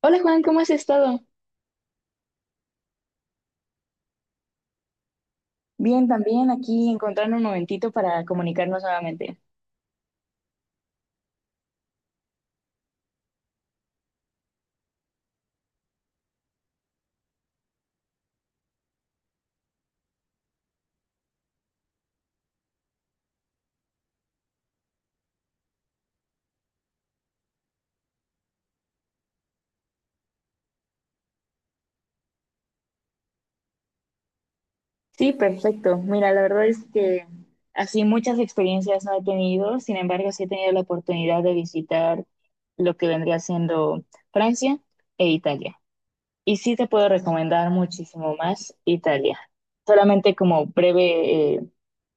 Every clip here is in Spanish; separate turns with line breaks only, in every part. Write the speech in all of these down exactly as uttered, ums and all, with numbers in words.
Hola Juan, ¿cómo has estado? Bien, también aquí encontrando un momentito para comunicarnos nuevamente. Sí, perfecto. Mira, la verdad es que así muchas experiencias no he tenido, sin embargo sí he tenido la oportunidad de visitar lo que vendría siendo Francia e Italia. Y sí te puedo recomendar muchísimo más Italia. Solamente como breve eh,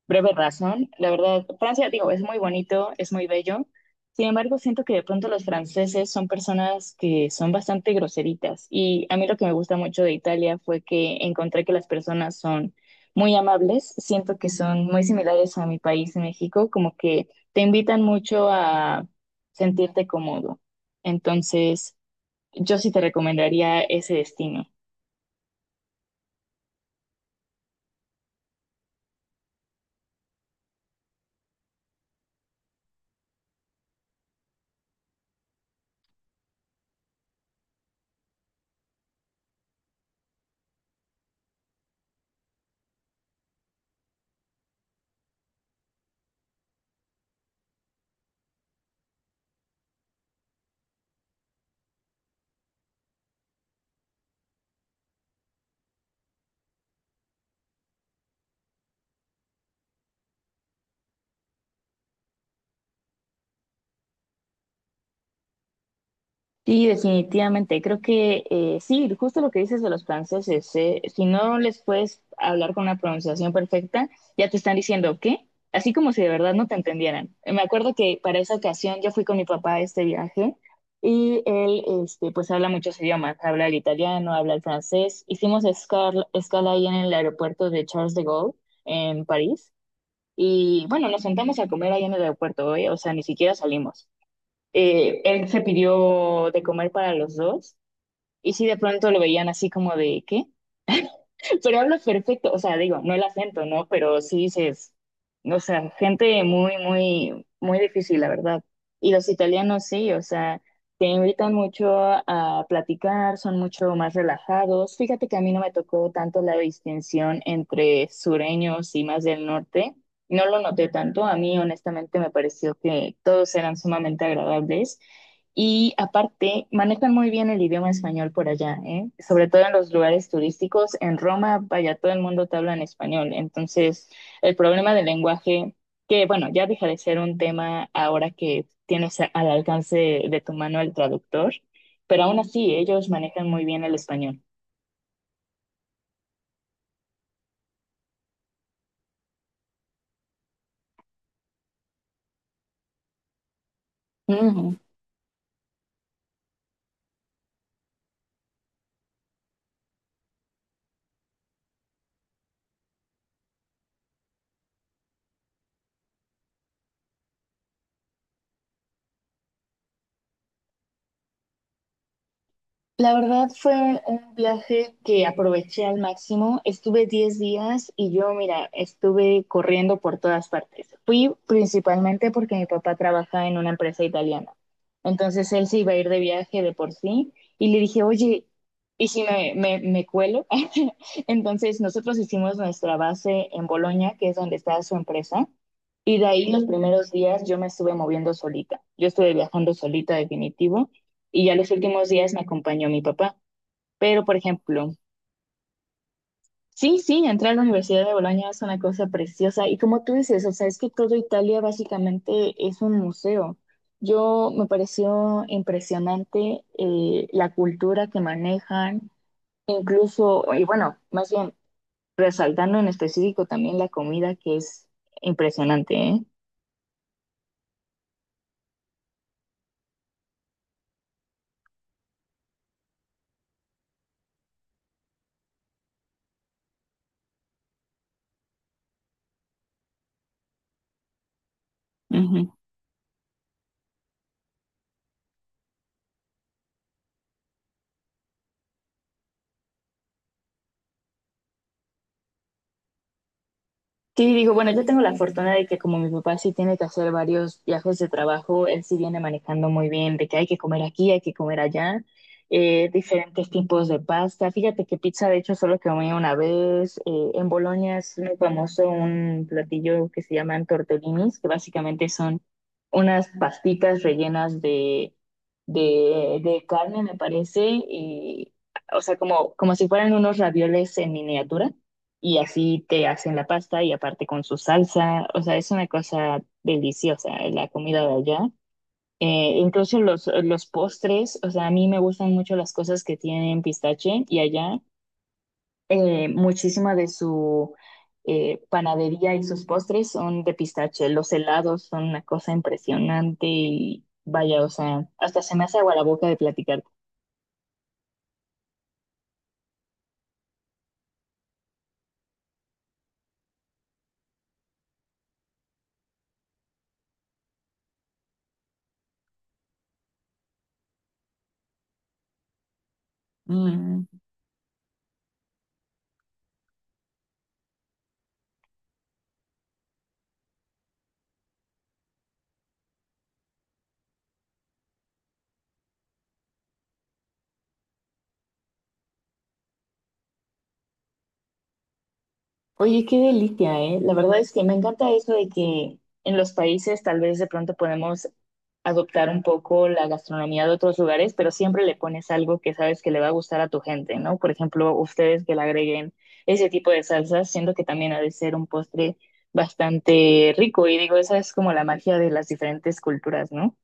breve razón. La verdad, Francia, digo, es muy bonito, es muy bello. Sin embargo, siento que de pronto los franceses son personas que son bastante groseritas. Y a mí lo que me gusta mucho de Italia fue que encontré que las personas son muy amables. Siento que son muy similares a mi país, México, como que te invitan mucho a sentirte cómodo. Entonces, yo sí te recomendaría ese destino. Sí, definitivamente. Creo que eh, sí, justo lo que dices de los franceses, eh, si no les puedes hablar con una pronunciación perfecta, ya te están diciendo ¿qué? Así como si de verdad no te entendieran. Eh, Me acuerdo que para esa ocasión yo fui con mi papá a este viaje y él, este, pues habla muchos idiomas, habla el italiano, habla el francés. Hicimos escal- escala ahí en el aeropuerto de Charles de Gaulle en París y bueno, nos sentamos a comer ahí en el aeropuerto, ¿eh? O sea, ni siquiera salimos, eh, él se pidió de comer para los dos. Y sí, de pronto lo veían así como de, ¿qué? Pero habla perfecto, o sea, digo, no el acento, ¿no? Pero sí dices, o sea, gente muy, muy, muy difícil, la verdad. Y los italianos sí, o sea, te invitan mucho a platicar, son mucho más relajados. Fíjate que a mí no me tocó tanto la distinción entre sureños y más del norte. No lo noté tanto, a mí honestamente me pareció que todos eran sumamente agradables y aparte, manejan muy bien el idioma español por allá, ¿eh? Sobre todo en los lugares turísticos. En Roma, vaya, todo el mundo te habla en español. Entonces, el problema del lenguaje, que bueno, ya deja de ser un tema ahora que tienes a- al alcance de tu mano el traductor, pero aún así ellos manejan muy bien el español. La verdad fue un viaje que aproveché al máximo. Estuve diez días y yo, mira, estuve corriendo por todas partes. Fui principalmente porque mi papá trabaja en una empresa italiana. Entonces él se iba a ir de viaje de por sí y le dije, oye, ¿y si me, me, me cuelo? Entonces nosotros hicimos nuestra base en Bolonia, que es donde está su empresa. Y de ahí los primeros días yo me estuve moviendo solita. Yo estuve viajando solita definitivo y ya los últimos días me acompañó mi papá. Pero, por ejemplo, sí, sí, entrar a la Universidad de Bolonia es una cosa preciosa y como tú dices, o sea, es que todo Italia básicamente es un museo. Yo me pareció impresionante eh, la cultura que manejan, incluso, y bueno, más bien resaltando en específico también la comida que es impresionante, ¿eh? Sí, digo, bueno, yo tengo la fortuna de que como mi papá sí tiene que hacer varios viajes de trabajo, él sí viene manejando muy bien de que hay que comer aquí, hay que comer allá, eh, diferentes tipos de pasta. Fíjate que pizza, de hecho, solo comí una vez. Eh, en Bolonia es muy famoso un platillo que se llaman tortellinis, que básicamente son unas pastitas rellenas de, de, de carne, me parece, y, o sea, como, como si fueran unos ravioles en miniatura y así te hacen la pasta y aparte con su salsa, o sea, es una cosa deliciosa eh, la comida de allá. Eh, incluso los, los postres, o sea, a mí me gustan mucho las cosas que tienen pistache y allá eh, muchísima de su eh, panadería y sus postres son de pistache. Los helados son una cosa impresionante y vaya, o sea, hasta se me hace agua la boca de platicarte. Oye, qué delicia, ¿eh? La verdad es que me encanta eso de que en los países tal vez de pronto podemos adoptar un poco la gastronomía de otros lugares, pero siempre le pones algo que sabes que le va a gustar a tu gente, ¿no? Por ejemplo, ustedes que le agreguen ese tipo de salsas, siento que también ha de ser un postre bastante rico y digo, esa es como la magia de las diferentes culturas, ¿no?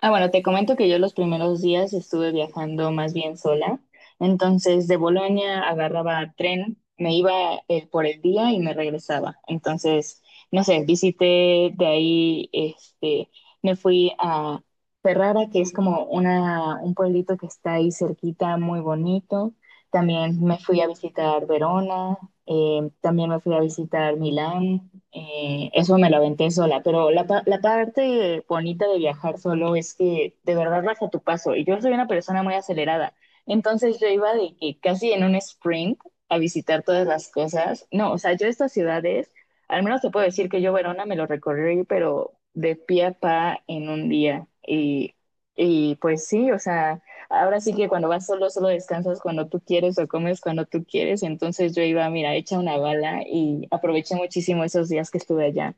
Ah, bueno, te comento que yo los primeros días estuve viajando más bien sola. Entonces, de Bolonia agarraba tren, me iba eh, por el día y me regresaba. Entonces, no sé, visité de ahí, este, me fui a Ferrara, que es como una, un pueblito que está ahí cerquita, muy bonito. También me fui a visitar Verona, eh, también me fui a visitar Milán, eh, eso me lo aventé sola, pero la, pa- la parte bonita de viajar solo es que de verdad vas a tu paso y yo soy una persona muy acelerada, entonces yo iba de que casi en un sprint a visitar todas las cosas, no, o sea, yo estas ciudades, al menos te puedo decir que yo Verona me lo recorrí, pero de pie a pa en un día y, y pues sí, o sea... Ahora sí que cuando vas solo, solo descansas cuando tú quieres o comes cuando tú quieres. Entonces yo iba, mira, hecha una bala y aproveché muchísimo esos días que estuve allá.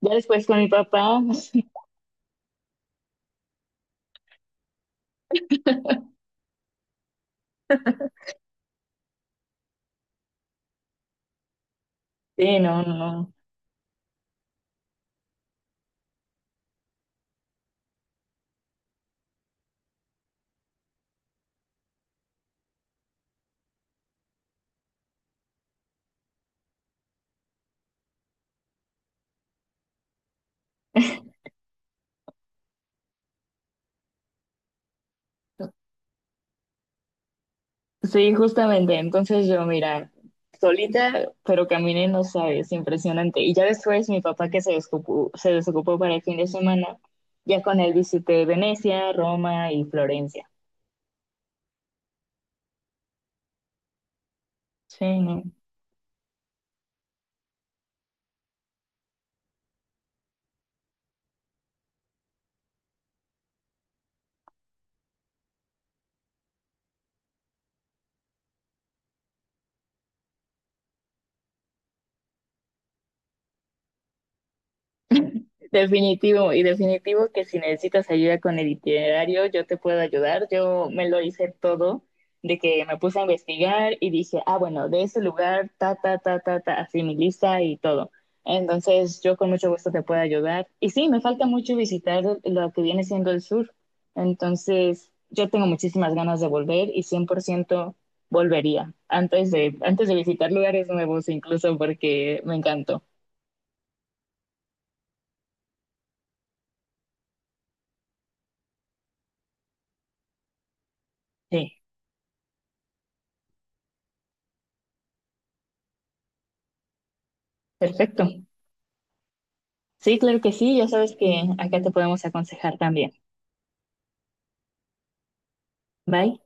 Ya después con mi papá, sí, no, no, no. Sí, justamente. Entonces yo, mira, solita, pero caminé, no sabes, impresionante. Y ya después mi papá que se desocupó, se desocupó para el fin de semana, ya con él visité Venecia, Roma y Florencia. Sí, no. Definitivo, y definitivo que si necesitas ayuda con el itinerario, yo te puedo ayudar. Yo me lo hice todo, de que me puse a investigar y dije, ah, bueno, de ese lugar, ta, ta, ta, ta, ta, así mi lista y todo. Entonces, yo con mucho gusto te puedo ayudar. Y sí, me falta mucho visitar lo que viene siendo el sur. Entonces, yo tengo muchísimas ganas de volver y cien por ciento volvería antes de, antes de visitar lugares nuevos, incluso porque me encantó. Sí, perfecto. Sí, claro que sí, ya sabes que acá te podemos aconsejar también. Bye.